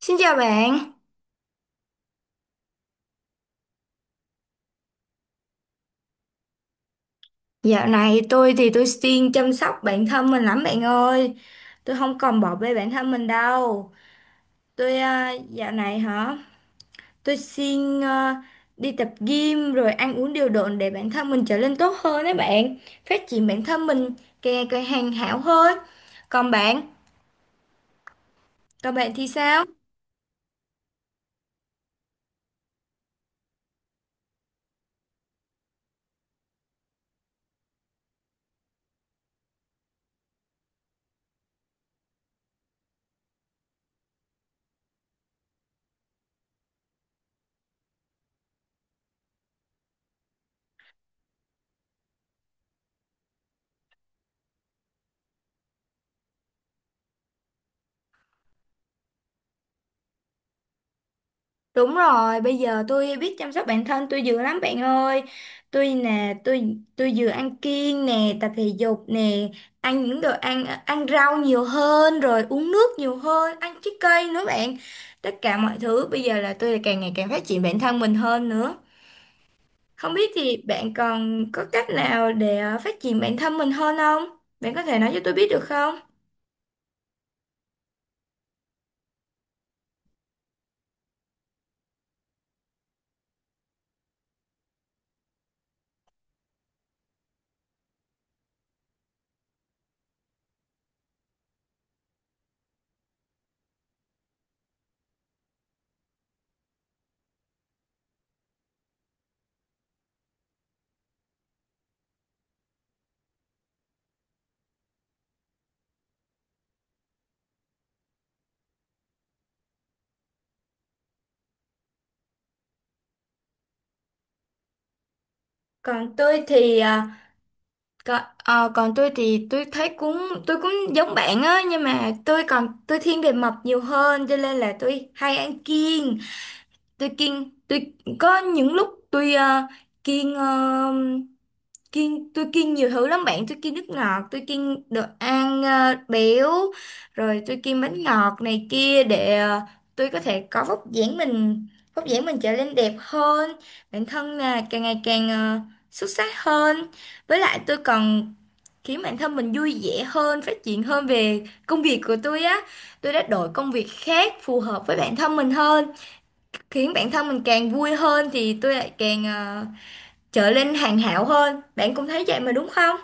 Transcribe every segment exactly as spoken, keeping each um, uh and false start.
Xin chào bạn, dạo này tôi thì tôi siêng chăm sóc bản thân mình lắm bạn ơi. Tôi không còn bỏ bê bản thân mình đâu. Tôi à, dạo này hả, tôi siêng à, đi tập gym rồi ăn uống điều độ để bản thân mình trở nên tốt hơn đấy bạn. Phát triển bản thân mình càng ngày càng hoàn hảo hơn. Còn bạn, còn bạn thì sao? Đúng rồi, bây giờ tôi biết chăm sóc bản thân tôi dữ lắm bạn ơi. Tôi nè, tôi tôi vừa ăn kiêng nè, tập thể dục nè, ăn những đồ ăn ăn rau nhiều hơn rồi uống nước nhiều hơn, ăn trái cây nữa bạn. Tất cả mọi thứ bây giờ là tôi càng ngày càng phát triển bản thân mình hơn nữa. Không biết thì bạn còn có cách nào để ờ, phát triển bản thân mình hơn không? Bạn có thể nói cho tôi biết được không? Còn tôi thì ờ, Còn, ờ, còn tôi thì tôi thấy cũng tôi cũng giống bạn á, nhưng mà tôi còn tôi thiên về mập nhiều hơn cho nên là tôi hay ăn kiêng. Tôi kiêng, tôi có những lúc tôi ờ, kiêng, ờ, kiêng tôi kiêng nhiều thứ lắm bạn. Tôi kiêng nước ngọt, tôi kiêng đồ ăn ờ, béo, rồi tôi kiêng bánh ngọt này kia để ờ, tôi có thể có vóc dáng mình vóc dáng mình trở nên đẹp hơn, bản thân là càng ngày càng ờ, xuất sắc hơn. Với lại tôi còn khiến bản thân mình vui vẻ hơn, phát triển hơn về công việc của tôi á. Tôi đã đổi công việc khác phù hợp với bản thân mình hơn, khiến bản thân mình càng vui hơn thì tôi lại càng ờ, trở lên hoàn hảo hơn. Bạn cũng thấy vậy mà đúng không?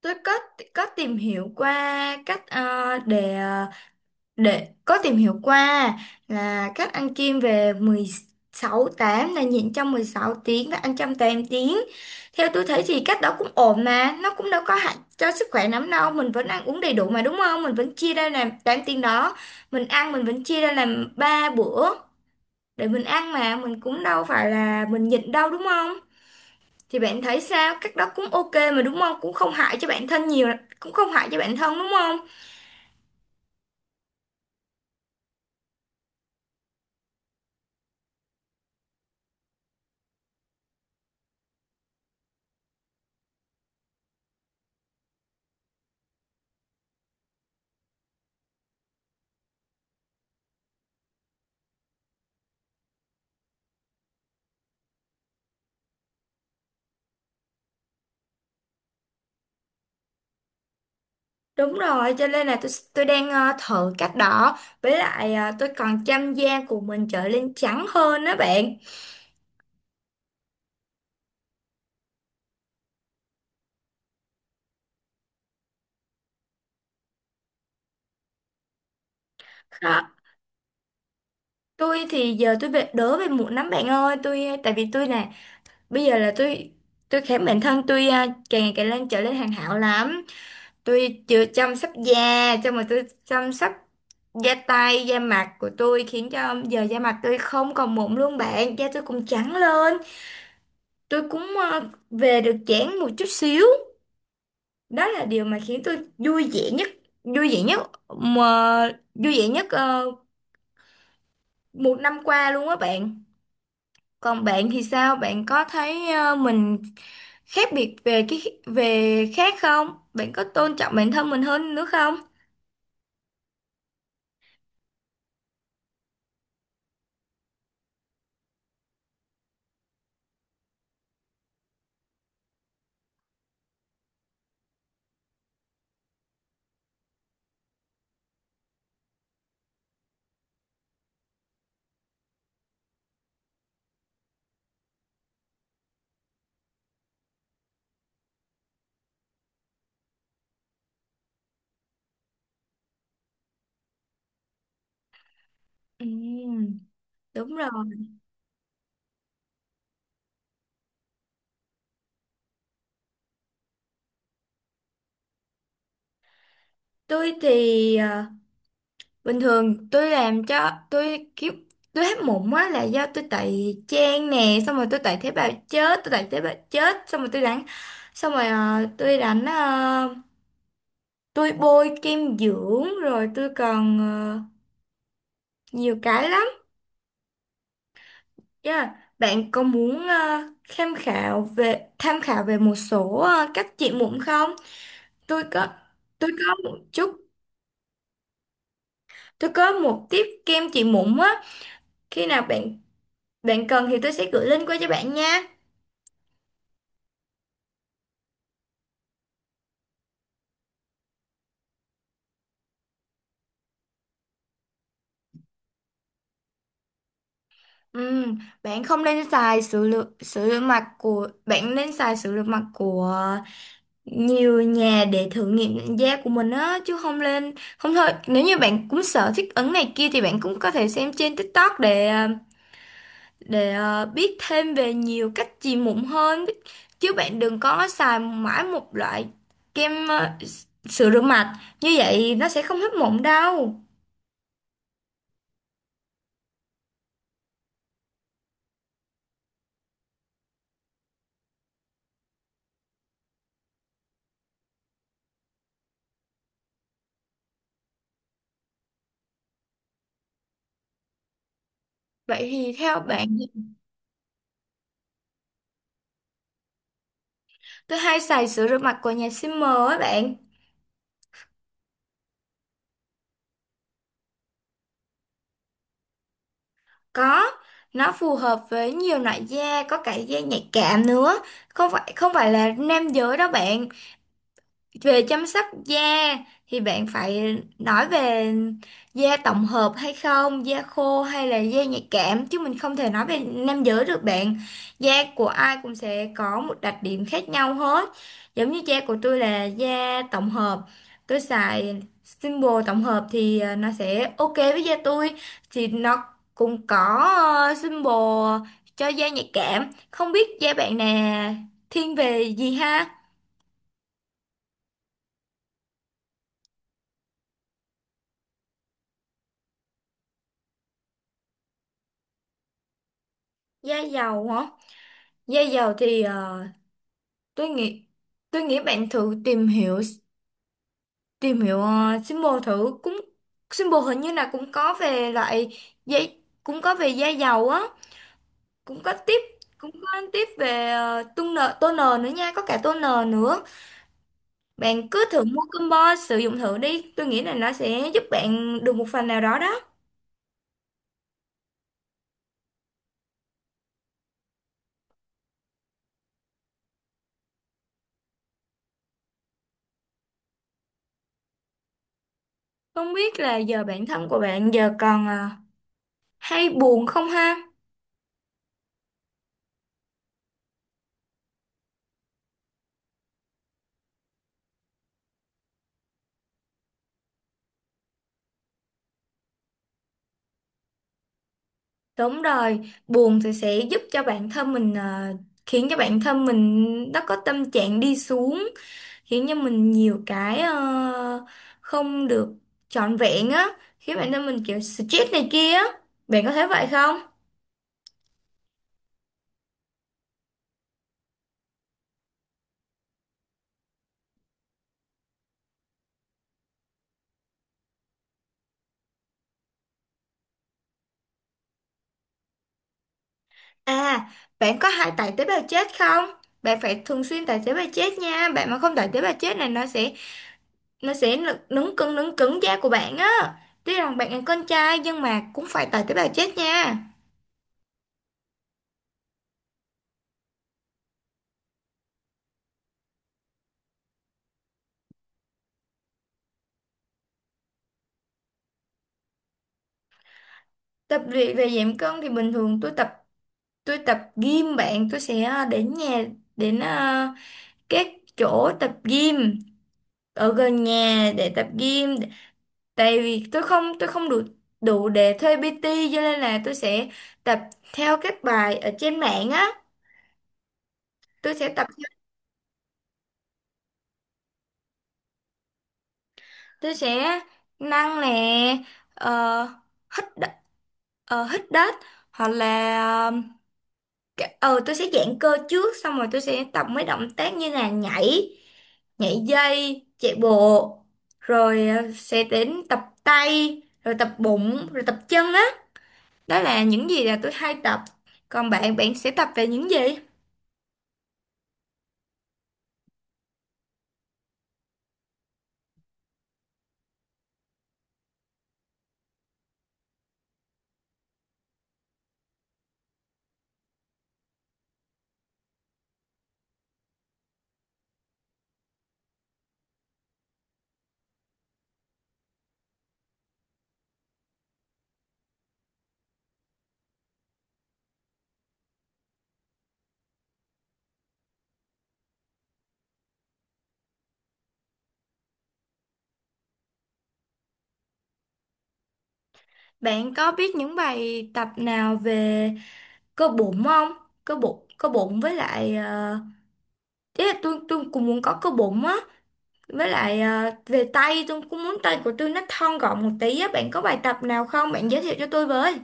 Tôi có có tìm hiểu qua cách ờ, để ờ, để có tìm hiểu qua là các ăn kiêng về mười sáu tám, là nhịn trong mười sáu tiếng và ăn trong tám tiếng. Theo tôi thấy thì cách đó cũng ổn mà, nó cũng đâu có hại cho sức khỏe lắm đâu, mình vẫn ăn uống đầy đủ mà đúng không? Mình vẫn chia ra làm tám tiếng đó, mình ăn mình vẫn chia ra làm ba bữa để mình ăn mà, mình cũng đâu phải là mình nhịn đâu đúng không? Thì bạn thấy sao? Cách đó cũng ok mà đúng không? Cũng không hại cho bản thân nhiều, cũng không hại cho bản thân đúng không? Đúng rồi, cho nên là tôi tôi đang ờ, thử cách đó, với lại ờ, tôi còn chăm da của mình trở lên trắng hơn đó bạn. Đó. Tôi thì giờ tôi bị đỡ về mụn lắm bạn ơi, tôi tại vì tôi nè, bây giờ là tôi tôi khám bản thân tôi ờ, càng ngày càng lên trở lên hoàn hảo lắm. Tôi chưa chăm sóc da, cho mà tôi chăm sóc da tay, da mặt của tôi, khiến cho giờ da mặt tôi không còn mụn luôn bạn, da tôi cũng trắng lên. Tôi cũng ờ, về được dáng một chút xíu. Đó là điều mà khiến tôi vui vẻ nhất, vui vẻ nhất mà vui vẻ nhất ờ, một năm qua luôn á bạn. Còn bạn thì sao? Bạn có thấy ờ, mình khác biệt về cái về khác không? Bạn có tôn trọng bản thân mình hơn nữa không? Ừ, đúng rồi. Tôi thì à, bình thường tôi làm cho tôi kiểu tôi hết mụn á là do tôi tẩy trang nè, xong rồi tôi tẩy tế bào chết, tôi tẩy tế bào chết, xong rồi tôi đánh xong rồi à, tôi đánh ờ, tôi bôi kem dưỡng, rồi tôi còn ờ, nhiều cái lắm. Yeah. Bạn có muốn ờ, tham khảo về tham khảo về một số ờ, cách trị mụn không? Tôi có tôi có một chút tôi có một tiếp kem trị mụn á. Khi nào bạn bạn cần thì tôi sẽ gửi link qua cho bạn nha. Ừm, bạn không nên xài sữa lượng sữa rửa mặt của bạn, nên xài sữa rửa mặt của nhiều nhà để thử nghiệm nhận da của mình á, chứ không lên không thôi. Nếu như bạn cũng sợ thích ứng này kia thì bạn cũng có thể xem trên TikTok để à, để à, biết thêm về nhiều cách trị mụn hơn, chứ bạn đừng có xài mãi một loại kem à, sữa rửa mặt như vậy nó sẽ không hết mụn đâu. Vậy thì theo bạn? Tôi hay xài sữa rửa mặt của nhà Simmer á bạn. Có, nó phù hợp với nhiều loại da, có cả da nhạy cảm nữa. Không phải không phải là nam giới đâu bạn. Về chăm sóc da thì bạn phải nói về da tổng hợp hay không, da khô hay là da nhạy cảm, chứ mình không thể nói về nam giới được bạn. Da của ai cũng sẽ có một đặc điểm khác nhau hết. Giống như da của tôi là da tổng hợp. Tôi xài Symbol tổng hợp thì ờ, nó sẽ ok với da tôi, thì nó cũng có ờ, Symbol cho da nhạy cảm. Không biết da bạn nè thiên về gì ha? Da dầu hả? Da dầu thì ờ, tôi nghĩ tôi nghĩ bạn thử tìm hiểu tìm hiểu ờ, symbol thử cũng, symbol hình như là cũng có về loại giấy, cũng có về da dầu á, cũng có tiếp cũng có tiếp về ờ, toner toner nữa nha, có cả toner nữa. Bạn cứ thử mua combo sử dụng thử đi, tôi nghĩ là nó sẽ giúp bạn được một phần nào đó đó. Không biết là giờ bản thân của bạn giờ còn ờ, hay buồn không ha? Đúng rồi, buồn thì sẽ giúp cho bản thân mình ờ, khiến cho bản thân mình nó có tâm trạng đi xuống, khiến cho mình nhiều cái ờ, không được trọn vẹn á, khiến bản thân mình kiểu stress này kia á. Bạn có thấy vậy không? À, bạn có hay tải tế bào chết không? Bạn phải thường xuyên tải tế bào chết nha. Bạn mà không tải tế bào chết này nó sẽ nó sẽ nự- nứng cứng nứng cứng da của bạn á. Tuy rằng bạn là con trai nhưng mà cũng phải tải tế bào chết nha. Tập luyện về giảm cân thì bình thường tôi tập tôi tập gym bạn. Tôi sẽ ờ, đến nhà, đến ờ, các chỗ tập gym ở gần nhà để tập gym, tại vì tôi không tôi không đủ đủ để thuê pê tê, cho nên là tôi sẽ tập theo các bài ở trên mạng á. tôi sẽ tập tôi sẽ nâng nè, ờ, hít đ- ờ, hít đất, hoặc là à, Cái- ờ tôi sẽ giãn cơ trước, xong rồi tôi sẽ tập mấy động tác như là nhảy nhảy dây, chạy bộ, rồi ờ, sẽ đến tập tay rồi tập bụng rồi tập chân á đó. Là những gì là tôi hay tập. Còn bạn, bạn sẽ tập về những gì? Bạn có biết những bài tập nào về cơ bụng không? Cơ bụng cơ bụng với lại ờ, ý là tôi tôi cũng muốn có cơ bụng á. Với lại à, về tay tôi cũng muốn tay của tôi nó thon gọn một tí á. Bạn có bài tập nào không? Bạn giới thiệu cho tôi với.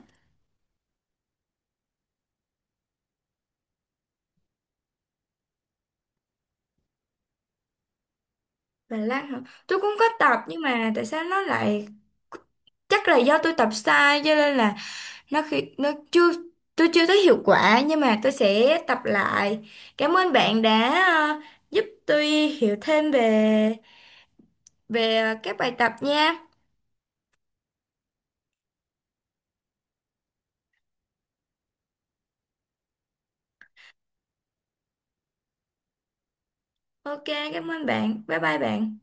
Bài lan hả? Tôi cũng có tập nhưng mà tại sao nó lại, chắc là do tôi tập sai cho nên là nó, khi nó chưa, tôi chưa thấy hiệu quả, nhưng mà tôi sẽ tập lại. Cảm ơn bạn đã à, giúp tôi hiểu thêm về về à, các bài tập nha. Ok, cảm ơn bạn. Bye bye bạn.